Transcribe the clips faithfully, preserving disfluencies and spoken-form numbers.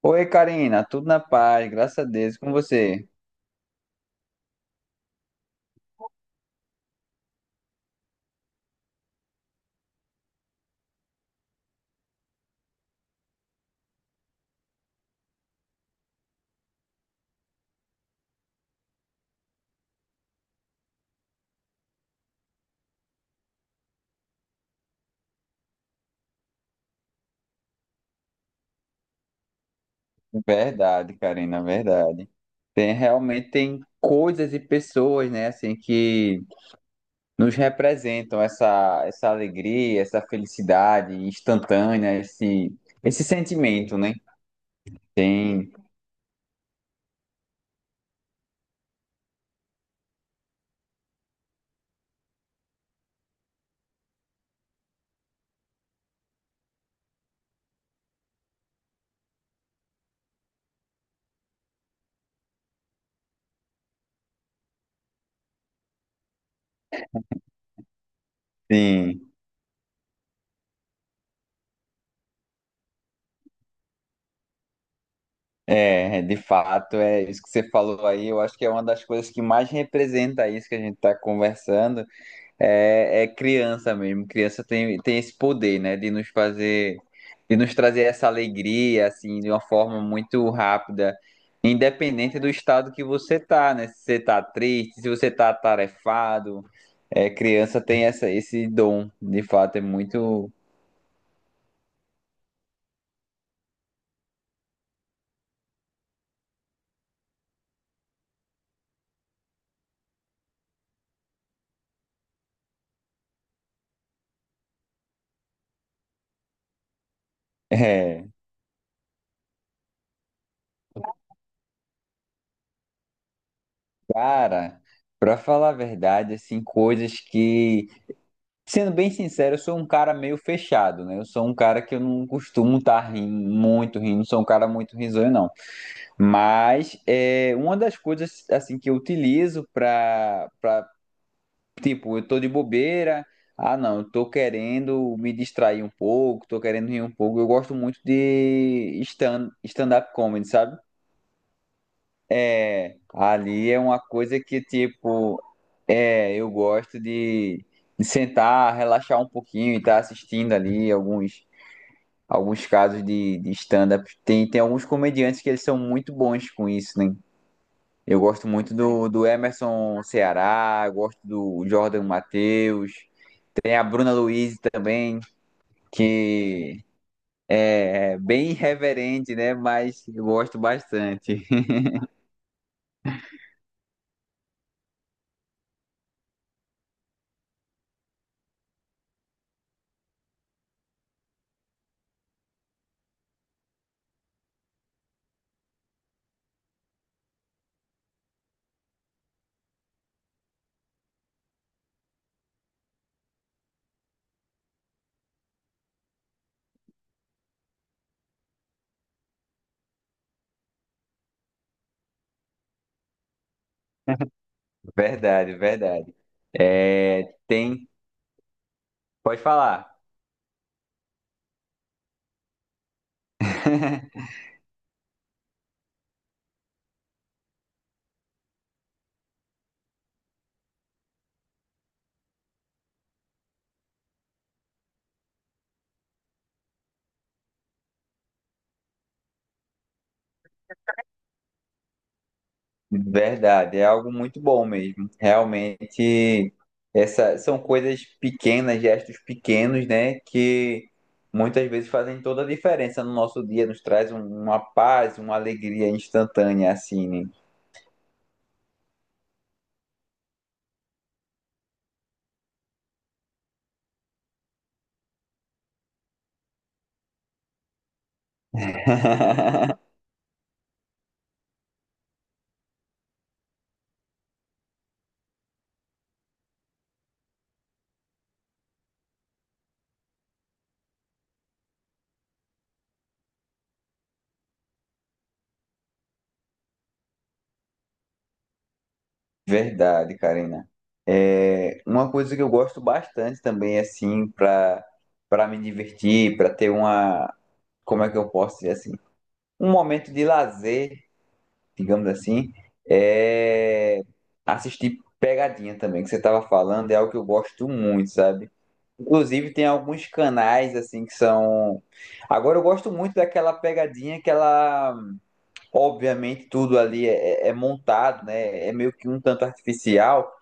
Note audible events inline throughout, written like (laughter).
Oi, Karina, tudo na paz, graças a Deus, e com você. Verdade, Karina, verdade. Tem realmente tem coisas e pessoas, né, assim que nos representam essa essa alegria, essa felicidade instantânea, esse esse sentimento, né? Tem, tem. É, de fato, é isso que você falou aí, eu acho que é uma das coisas que mais representa isso que a gente está conversando. É, é criança mesmo. Criança tem, tem esse poder, né? De nos fazer, de nos trazer essa alegria, assim, de uma forma muito rápida, independente do estado que você tá, né? Se você tá triste, se você tá atarefado. É, criança tem essa, esse dom, de fato, é muito. É, cara, pra falar a verdade, assim, coisas que. Sendo bem sincero, eu sou um cara meio fechado, né? Eu sou um cara que eu não costumo estar rindo, muito rindo, não sou um cara muito risonho, não. Mas é uma das coisas assim que eu utilizo para para tipo, eu tô de bobeira, ah não, eu tô querendo me distrair um pouco, tô querendo rir um pouco. Eu gosto muito de stand stand-up comedy, sabe? É, ali é uma coisa que tipo, é, eu gosto de, de sentar, relaxar um pouquinho e estar assistindo ali alguns alguns casos de, de stand-up. Tem tem alguns comediantes que eles são muito bons com isso, né? Eu gosto muito do, do Emerson Ceará, gosto do Jordan Matheus, tem a Bruna Luiz também, que é bem irreverente, né? Mas eu gosto bastante. (laughs) Verdade, verdade. É, tem. Pode falar. (laughs) Verdade, é algo muito bom mesmo. Realmente, essa, são coisas pequenas, gestos pequenos, né, que muitas vezes fazem toda a diferença no nosso dia, nos traz um- uma paz, uma alegria instantânea, assim, né? (laughs) Verdade, Karina. É, uma coisa que eu gosto bastante também, assim, para para me divertir, para ter uma, como é que eu posso dizer assim, um momento de lazer digamos assim, é assistir pegadinha também, que você estava falando, é algo que eu gosto muito, sabe? Inclusive tem alguns canais assim que são. Agora eu gosto muito daquela pegadinha que ela, obviamente, tudo ali é, é montado, né? É meio que um tanto artificial.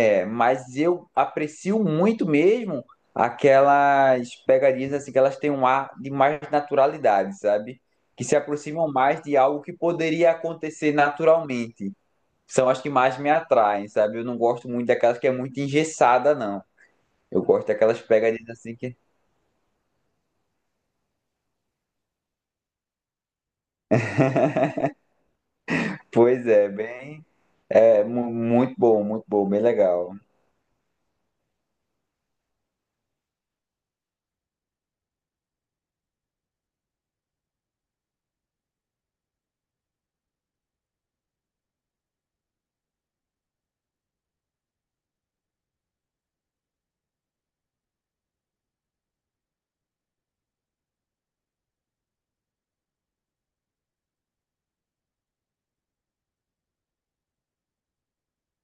É, mas eu aprecio muito mesmo aquelas pegarias assim que elas têm um ar de mais naturalidade, sabe? Que se aproximam mais de algo que poderia acontecer naturalmente. São as que mais me atraem, sabe? Eu não gosto muito daquelas que é muito engessada, não. Eu gosto daquelas pegarias assim que, pois é, bem, é mu- muito bom, muito bom, bem legal.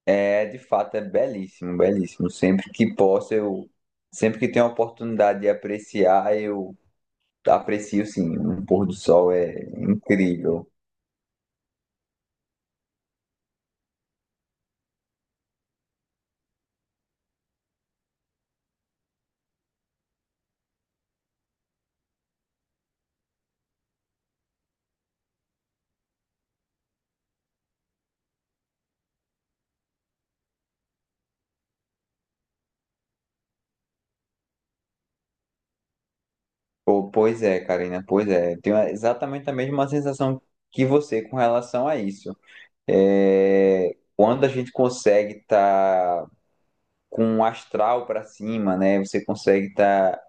É, de fato, é belíssimo, belíssimo. Sempre que posso, eu, sempre que tenho a oportunidade de apreciar, eu aprecio sim, um pôr do sol é incrível. Pô, pois é, Karina, pois é. Tenho exatamente a mesma sensação que você com relação a isso. É, quando a gente consegue estar com um astral para cima, né? Você consegue estar.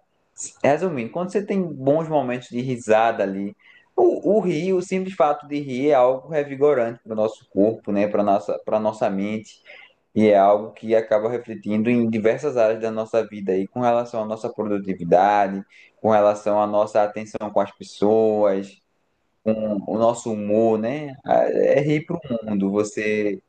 Resumindo, quando você tem bons momentos de risada ali, o, o rir, o simples fato de rir é algo revigorante para o nosso corpo, né? Para nossa, para nossa mente. E é algo que acaba refletindo em diversas áreas da nossa vida aí, com relação à nossa produtividade, com relação à nossa atenção com as pessoas, com o nosso humor, né? Ah, é rir para o mundo. Você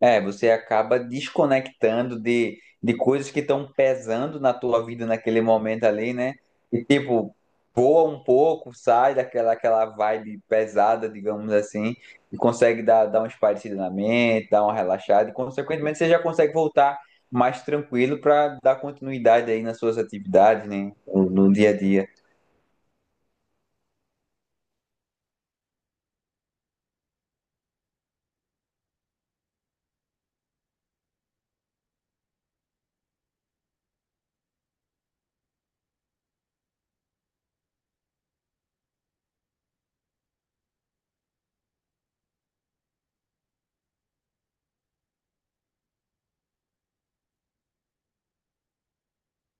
É, você acaba desconectando de, de coisas que estão pesando na tua vida naquele momento ali, né? E tipo, voa um pouco, sai daquela aquela vibe pesada, digamos assim, e consegue dar, dar uma espairecida na mente, dar uma relaxada, e consequentemente você já consegue voltar mais tranquilo para dar continuidade aí nas suas atividades, né? No, no dia a dia.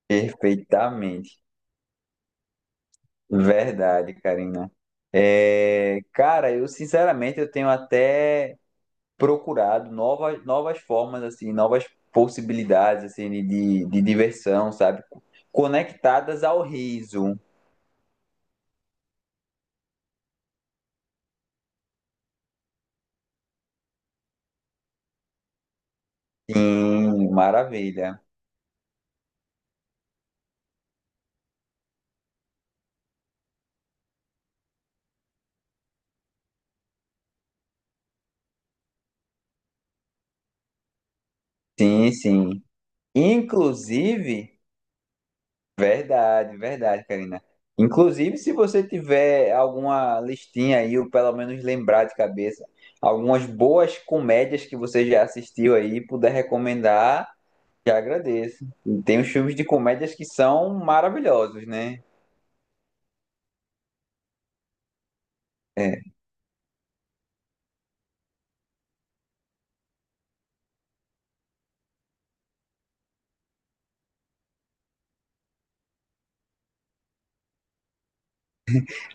Perfeitamente. Verdade, Karina. É, cara, eu sinceramente eu tenho até procurado novas, novas formas, assim, novas possibilidades, assim, de, de diversão, sabe? Conectadas ao riso. Sim, maravilha. Sim, sim. Inclusive, verdade, verdade, Karina. Inclusive, se você tiver alguma listinha aí, ou pelo menos lembrar de cabeça, algumas boas comédias que você já assistiu aí, puder recomendar, já agradeço. E tem os filmes de comédias que são maravilhosos, né? É.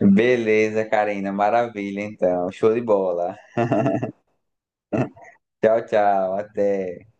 Beleza, Karina. Maravilha, então. Show de bola. Tchau, tchau. Até.